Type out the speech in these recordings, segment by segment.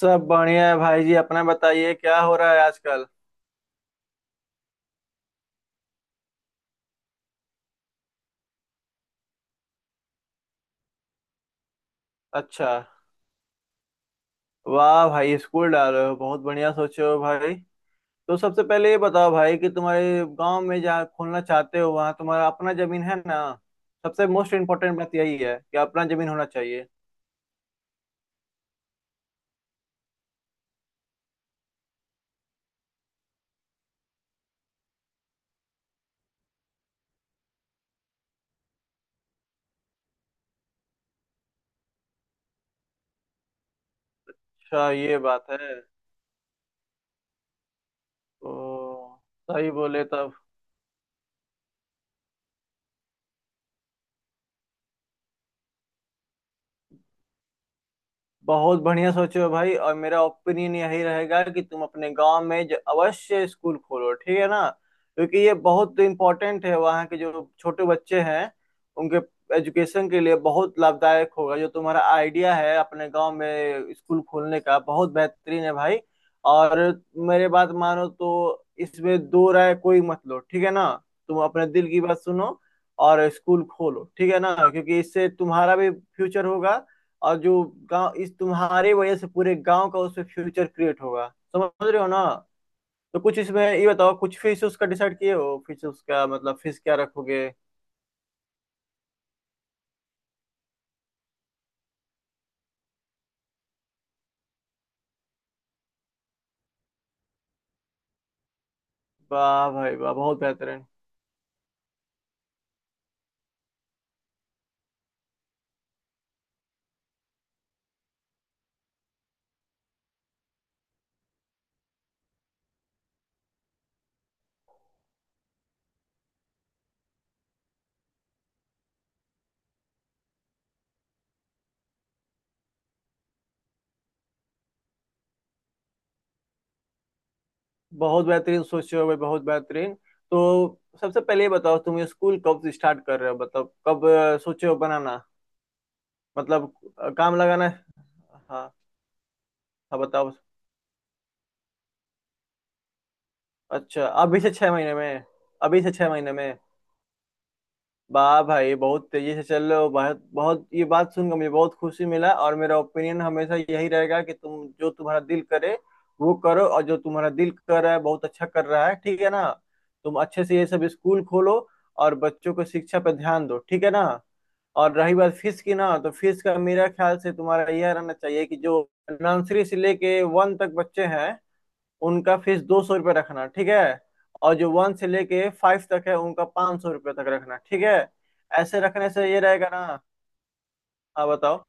सब बढ़िया है भाई जी। अपना बताइए क्या हो रहा है आजकल। अच्छा। वाह भाई, स्कूल डाल रहे हो, बहुत बढ़िया सोचे हो भाई। तो सबसे पहले ये बताओ भाई कि तुम्हारे गांव में जहाँ खोलना चाहते हो वहाँ तुम्हारा अपना जमीन है ना। सबसे मोस्ट इम्पोर्टेंट बात यही है कि अपना जमीन होना चाहिए। अच्छा ये बात है। तो सही बोले तब। बहुत बढ़िया सोचे हो भाई। और मेरा ओपिनियन यही रहेगा कि तुम अपने गांव में अवश्य स्कूल खोलो, ठीक है ना। क्योंकि ये बहुत इम्पोर्टेंट है, वहाँ के जो छोटे बच्चे हैं उनके एजुकेशन के लिए बहुत लाभदायक होगा। जो तुम्हारा आइडिया है अपने गांव में स्कूल खोलने का बहुत बेहतरीन है भाई। और मेरे बात मानो तो इसमें दो राय कोई मत लो, ठीक है ना। तुम अपने दिल की बात सुनो और स्कूल खोलो, ठीक है ना। क्योंकि इससे तुम्हारा भी फ्यूचर होगा, और जो गांव इस तुम्हारे वजह से पूरे गांव का उसमें फ्यूचर क्रिएट होगा। समझ रहे हो ना। तो कुछ इसमें ये बताओ, कुछ फिश उसका डिसाइड किए हो? फिश उसका मतलब फिश क्या रखोगे? वाह भाई वाह, बहुत बेहतरीन। बहुत बेहतरीन सोचे हो भाई, बहुत बेहतरीन। तो सबसे पहले ये बताओ तुम ये स्कूल कब से स्टार्ट कर रहे हो? मतलब कब सोचे हो बनाना। मतलब काम लगाना है। हाँ। हाँ बताओ। अच्छा, अभी से 6 महीने में। अभी से 6 महीने में। वाह भाई, बहुत तेजी से चल रहे हो। बहुत बहुत ये बात सुनकर मुझे बहुत खुशी मिला। और मेरा ओपिनियन हमेशा यही रहेगा कि तुम जो तुम्हारा दिल करे वो करो, और जो तुम्हारा दिल कर रहा है बहुत अच्छा कर रहा है, ठीक है ना। तुम अच्छे से ये सब स्कूल खोलो और बच्चों को शिक्षा पर ध्यान दो, ठीक है ना। और रही बात फीस की ना, तो फीस का मेरा ख्याल से तुम्हारा यह रहना चाहिए कि जो नर्सरी से लेके वन तक बच्चे हैं उनका फीस 200 रुपये रखना, ठीक है। और जो वन से लेके फाइव तक है उनका 500 रुपये तक रखना, ठीक है। ऐसे रखने से ये रहेगा ना। हाँ बताओ।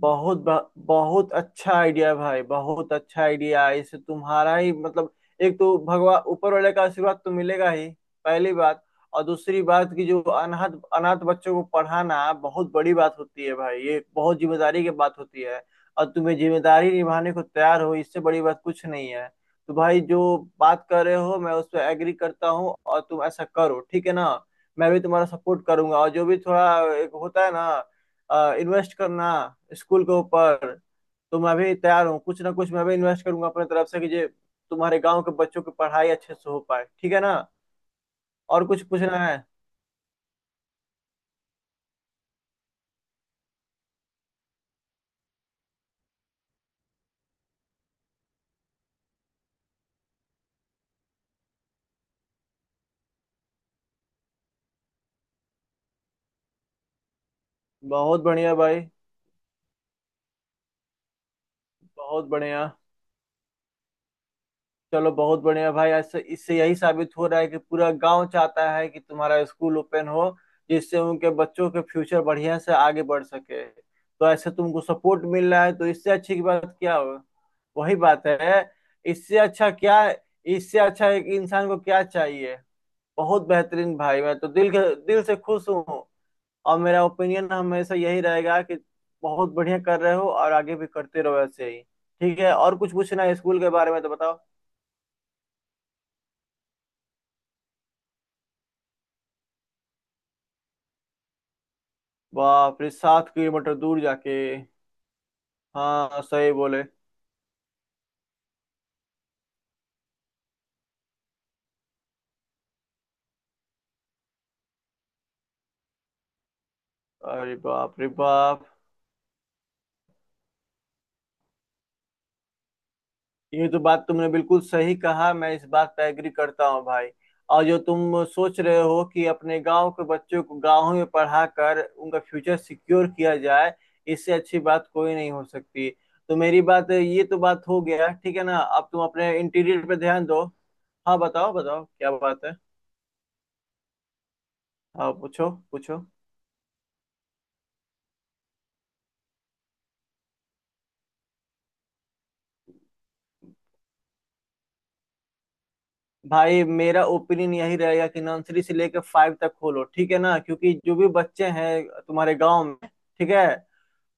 बहुत अच्छा आइडिया भाई, बहुत अच्छा आइडिया है। इससे तुम्हारा ही मतलब एक तो भगवान ऊपर वाले का आशीर्वाद तो मिलेगा ही, पहली बात। और दूसरी बात कि जो अनाथ अनाथ बच्चों को पढ़ाना बहुत बड़ी बात होती है भाई। ये बहुत जिम्मेदारी की बात होती है। और तुम्हें जिम्मेदारी निभाने को तैयार हो, इससे बड़ी बात कुछ नहीं है। तो भाई जो बात कर रहे हो मैं उस पर एग्री करता हूँ और तुम ऐसा करो, ठीक है ना। मैं भी तुम्हारा सपोर्ट करूंगा, और जो भी थोड़ा एक होता है ना इन्वेस्ट करना स्कूल के ऊपर, तो मैं भी तैयार हूँ, कुछ ना कुछ मैं भी इन्वेस्ट करूंगा अपने तरफ से कि जे तुम्हारे गांव के बच्चों की पढ़ाई अच्छे से हो पाए, ठीक है ना। और कुछ पूछना है? बहुत बढ़िया भाई, बहुत बढ़िया। चलो बहुत बढ़िया भाई। ऐसे इससे यही साबित हो रहा है कि पूरा गांव चाहता है कि तुम्हारा स्कूल ओपन हो, जिससे उनके बच्चों के फ्यूचर बढ़िया से आगे बढ़ सके। तो ऐसे तुमको सपोर्ट मिल रहा है, तो इससे अच्छी की बात क्या हो। वही बात है, इससे अच्छा क्या, इससे अच्छा एक इंसान को क्या चाहिए। बहुत बेहतरीन भाई, मैं तो दिल के दिल से खुश हूँ। और मेरा ओपिनियन हमेशा यही रहेगा कि बहुत बढ़िया कर रहे हो, और आगे भी करते रहो ऐसे ही। ठीक है, और कुछ पूछना है स्कूल के बारे में तो बताओ। बाप रे, 7 किलोमीटर दूर जाके। हाँ सही बोले। अरे बाप रे बाप, ये तो बात तुमने बिल्कुल सही कहा, मैं इस बात पे एग्री करता हूँ भाई। और जो तुम सोच रहे हो कि अपने गांव के बच्चों को गांव में पढ़ा कर उनका फ्यूचर सिक्योर किया जाए, इससे अच्छी बात कोई नहीं हो सकती। तो मेरी बात, ये तो बात हो गया, ठीक है ना। अब तुम अपने इंटीरियर पे ध्यान दो। हाँ बताओ बताओ, क्या बात है। हाँ पूछो पूछो। भाई मेरा ओपिनियन यही रहेगा कि नर्सरी से लेकर फाइव तक खोलो, ठीक है ना। क्योंकि जो भी बच्चे हैं तुम्हारे गांव में, ठीक है,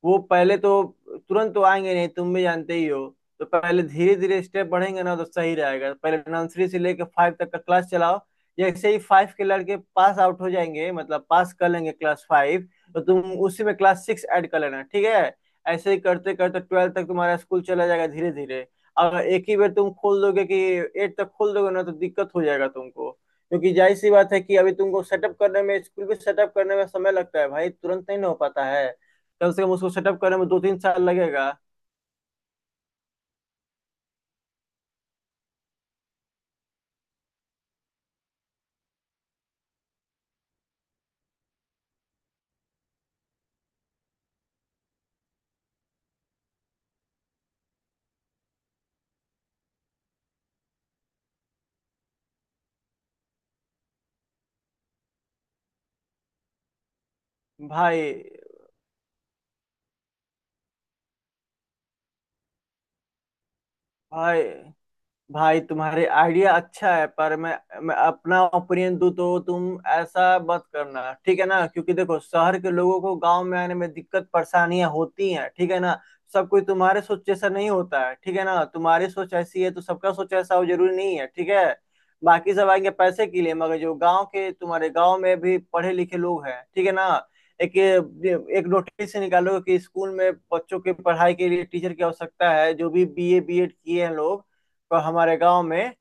वो पहले तो तुरंत तो आएंगे नहीं, तुम भी जानते ही हो। तो पहले धीरे धीरे स्टेप बढ़ेंगे ना, तो सही रहेगा, पहले नर्सरी से लेकर फाइव तक का क्लास चलाओ। जैसे ही फाइव के लड़के पास आउट हो जाएंगे, मतलब पास कर लेंगे क्लास फाइव, तो तुम उसी में क्लास सिक्स ऐड कर लेना, ठीक है। ऐसे ही करते करते ट्वेल्थ तक तुम्हारा स्कूल चला जाएगा धीरे धीरे। अगर एक ही बार तुम खोल दोगे कि एट तक खोल दोगे ना, तो दिक्कत हो जाएगा तुमको। क्योंकि जाहिर सी बात है कि अभी तुमको सेटअप करने में, स्कूल भी सेटअप करने में समय लगता है भाई, तुरंत नहीं ना हो पाता है। कम से कम उसको सेटअप करने में 2-3 साल लगेगा। भाई भाई भाई, तुम्हारे आइडिया अच्छा है, पर मैं अपना ओपिनियन दूं तो तुम ऐसा मत करना, ठीक है ना। क्योंकि देखो शहर के लोगों को गांव में आने में दिक्कत परेशानियां होती हैं, ठीक है ना। सब कोई तुम्हारे सोच जैसा नहीं होता है, ठीक है ना। तुम्हारी सोच ऐसी है तो सबका सोच ऐसा हो जरूरी नहीं है, ठीक है। बाकी सब आएंगे पैसे के लिए, मगर जो गांव के तुम्हारे गांव में भी पढ़े लिखे लोग हैं, ठीक है ना। एक एक नोटिस निकालो कि स्कूल में बच्चों के पढ़ाई के लिए टीचर की आवश्यकता है, जो भी बीए बीएड किए हैं लोग पर हमारे गांव में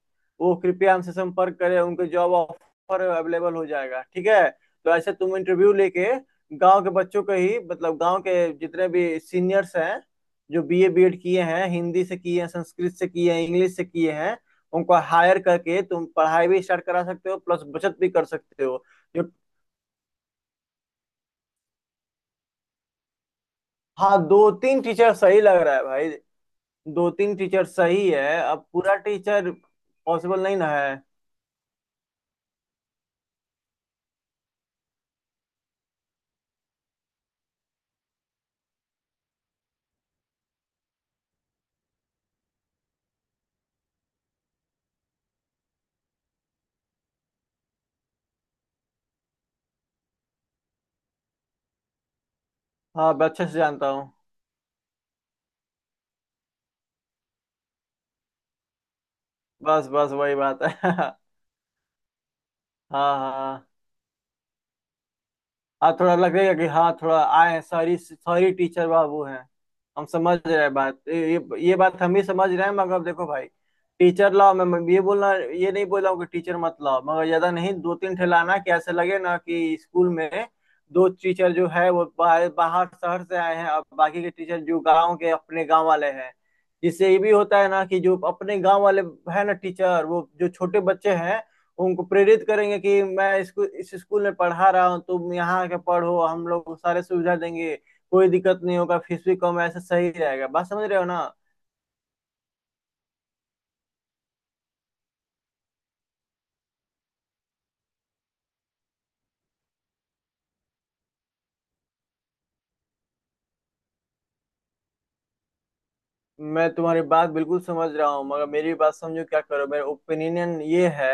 वो कृपया हमसे संपर्क करें, उनके जॉब ऑफर अवेलेबल हो जाएगा, ठीक है। तो ऐसे तुम इंटरव्यू लेके गांव के बच्चों को ही, मतलब गांव के जितने भी सीनियर्स हैं जो बीए बीएड किए हैं, हिंदी से किए हैं, संस्कृत से किए हैं, इंग्लिश से किए हैं, उनको हायर करके तुम पढ़ाई भी स्टार्ट करा सकते हो, प्लस बचत भी कर सकते हो। जो हाँ, दो तीन टीचर सही लग रहा है भाई। दो तीन टीचर सही है, अब पूरा टीचर पॉसिबल नहीं ना है। हाँ मैं अच्छे से जानता हूँ। बस बस वही बात है हाँ। हाँ हाँ थोड़ा लगेगा कि हाँ थोड़ा आए, सॉरी सॉरी टीचर बाबू हैं। हम समझ रहे हैं बात, ये बात हम भी समझ रहे हैं, मगर देखो भाई, टीचर लाओ, मैं ये बोलना, ये नहीं बोल रहा हूँ कि टीचर मत लाओ, मगर ज्यादा नहीं, दो तीन ठे लाना, कि ऐसे लगे ना कि स्कूल में दो टीचर जो है वो बाहर बाहर शहर से आए हैं, और बाकी के टीचर जो गांव के अपने गांव वाले हैं। जिससे ये भी होता है ना कि जो अपने गांव वाले है ना टीचर, वो जो छोटे बच्चे हैं उनको प्रेरित करेंगे कि मैं इसको इस स्कूल में पढ़ा रहा हूँ, तुम यहाँ आके पढ़ो, हम लोग सारे सुविधा देंगे, कोई दिक्कत नहीं होगा, फीस भी कम है, ऐसे सही रहेगा। बात समझ रहे हो ना। मैं तुम्हारी बात बिल्कुल समझ रहा हूँ मगर मेरी बात समझो, क्या करो, मेरा ओपिनियन ये है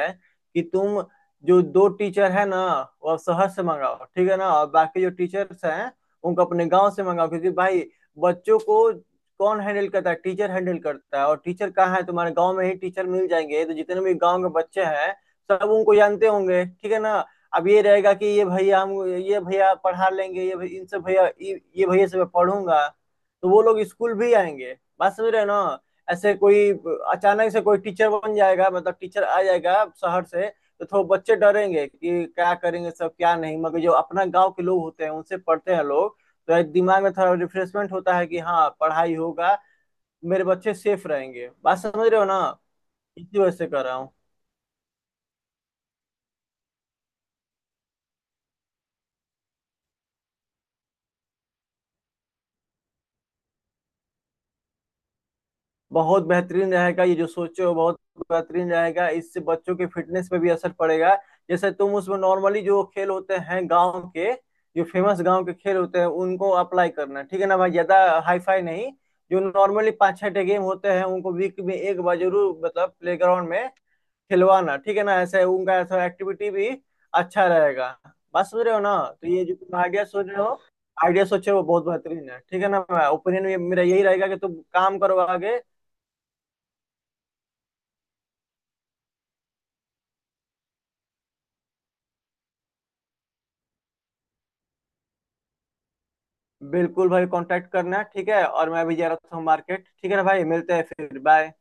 कि तुम जो दो टीचर है ना, वो अब शहर से मंगाओ, ठीक है ना। और बाकी जो टीचर्स हैं उनको अपने गांव से मंगाओ, क्योंकि भाई बच्चों को कौन हैंडल करता है, टीचर हैंडल करता है। और टीचर कहाँ है, तुम्हारे गांव में ही टीचर मिल जाएंगे। तो जितने भी गांव के बच्चे हैं सब उनको जानते होंगे, ठीक है ना। अब ये रहेगा कि ये भैया, हम ये भैया पढ़ा लेंगे, ये भैया, इनसे भैया, ये भैया से मैं पढ़ूंगा, तो वो लोग स्कूल भी आएंगे। बस मेरे ना, ऐसे कोई अचानक से कोई टीचर बन जाएगा, मतलब टीचर आ जाएगा शहर से, तो थोड़ा बच्चे डरेंगे कि क्या करेंगे सब क्या नहीं। मगर जो अपना गांव के लोग होते हैं उनसे पढ़ते हैं लोग, तो एक दिमाग में थोड़ा रिफ्रेशमेंट होता है कि हाँ पढ़ाई होगा, मेरे बच्चे सेफ रहेंगे। बात समझ रहे हो ना, इसी वजह से कर रहा हूँ। बहुत बेहतरीन रहेगा ये जो सोचे हो, बहुत बेहतरीन रहेगा, इससे बच्चों के फिटनेस पे भी असर पड़ेगा। जैसे तुम उसमें नॉर्मली जो खेल होते हैं गांव के, जो फेमस गांव के खेल होते हैं उनको अप्लाई करना, ठीक है ना भाई, ज्यादा हाईफाई नहीं। जो नॉर्मली पाँच छह गेम होते हैं उनको वीक में एक बार जरूर, मतलब प्लेग्राउंड में खिलवाना, ठीक है ना। ऐसे उनका ऐसा एक्टिविटी भी अच्छा रहेगा। बात समझ रहे हो ना। तो ये जो तुम आइडिया सोच रहे हो, आइडिया सोचे वो बहुत बेहतरीन है, ठीक है ना। ओपिनियन मेरा यही रहेगा कि तुम काम करो आगे। बिल्कुल भाई, कांटेक्ट करना, ठीक है। और मैं भी जा रहा था मार्केट, ठीक है ना भाई, मिलते हैं फिर। बाय।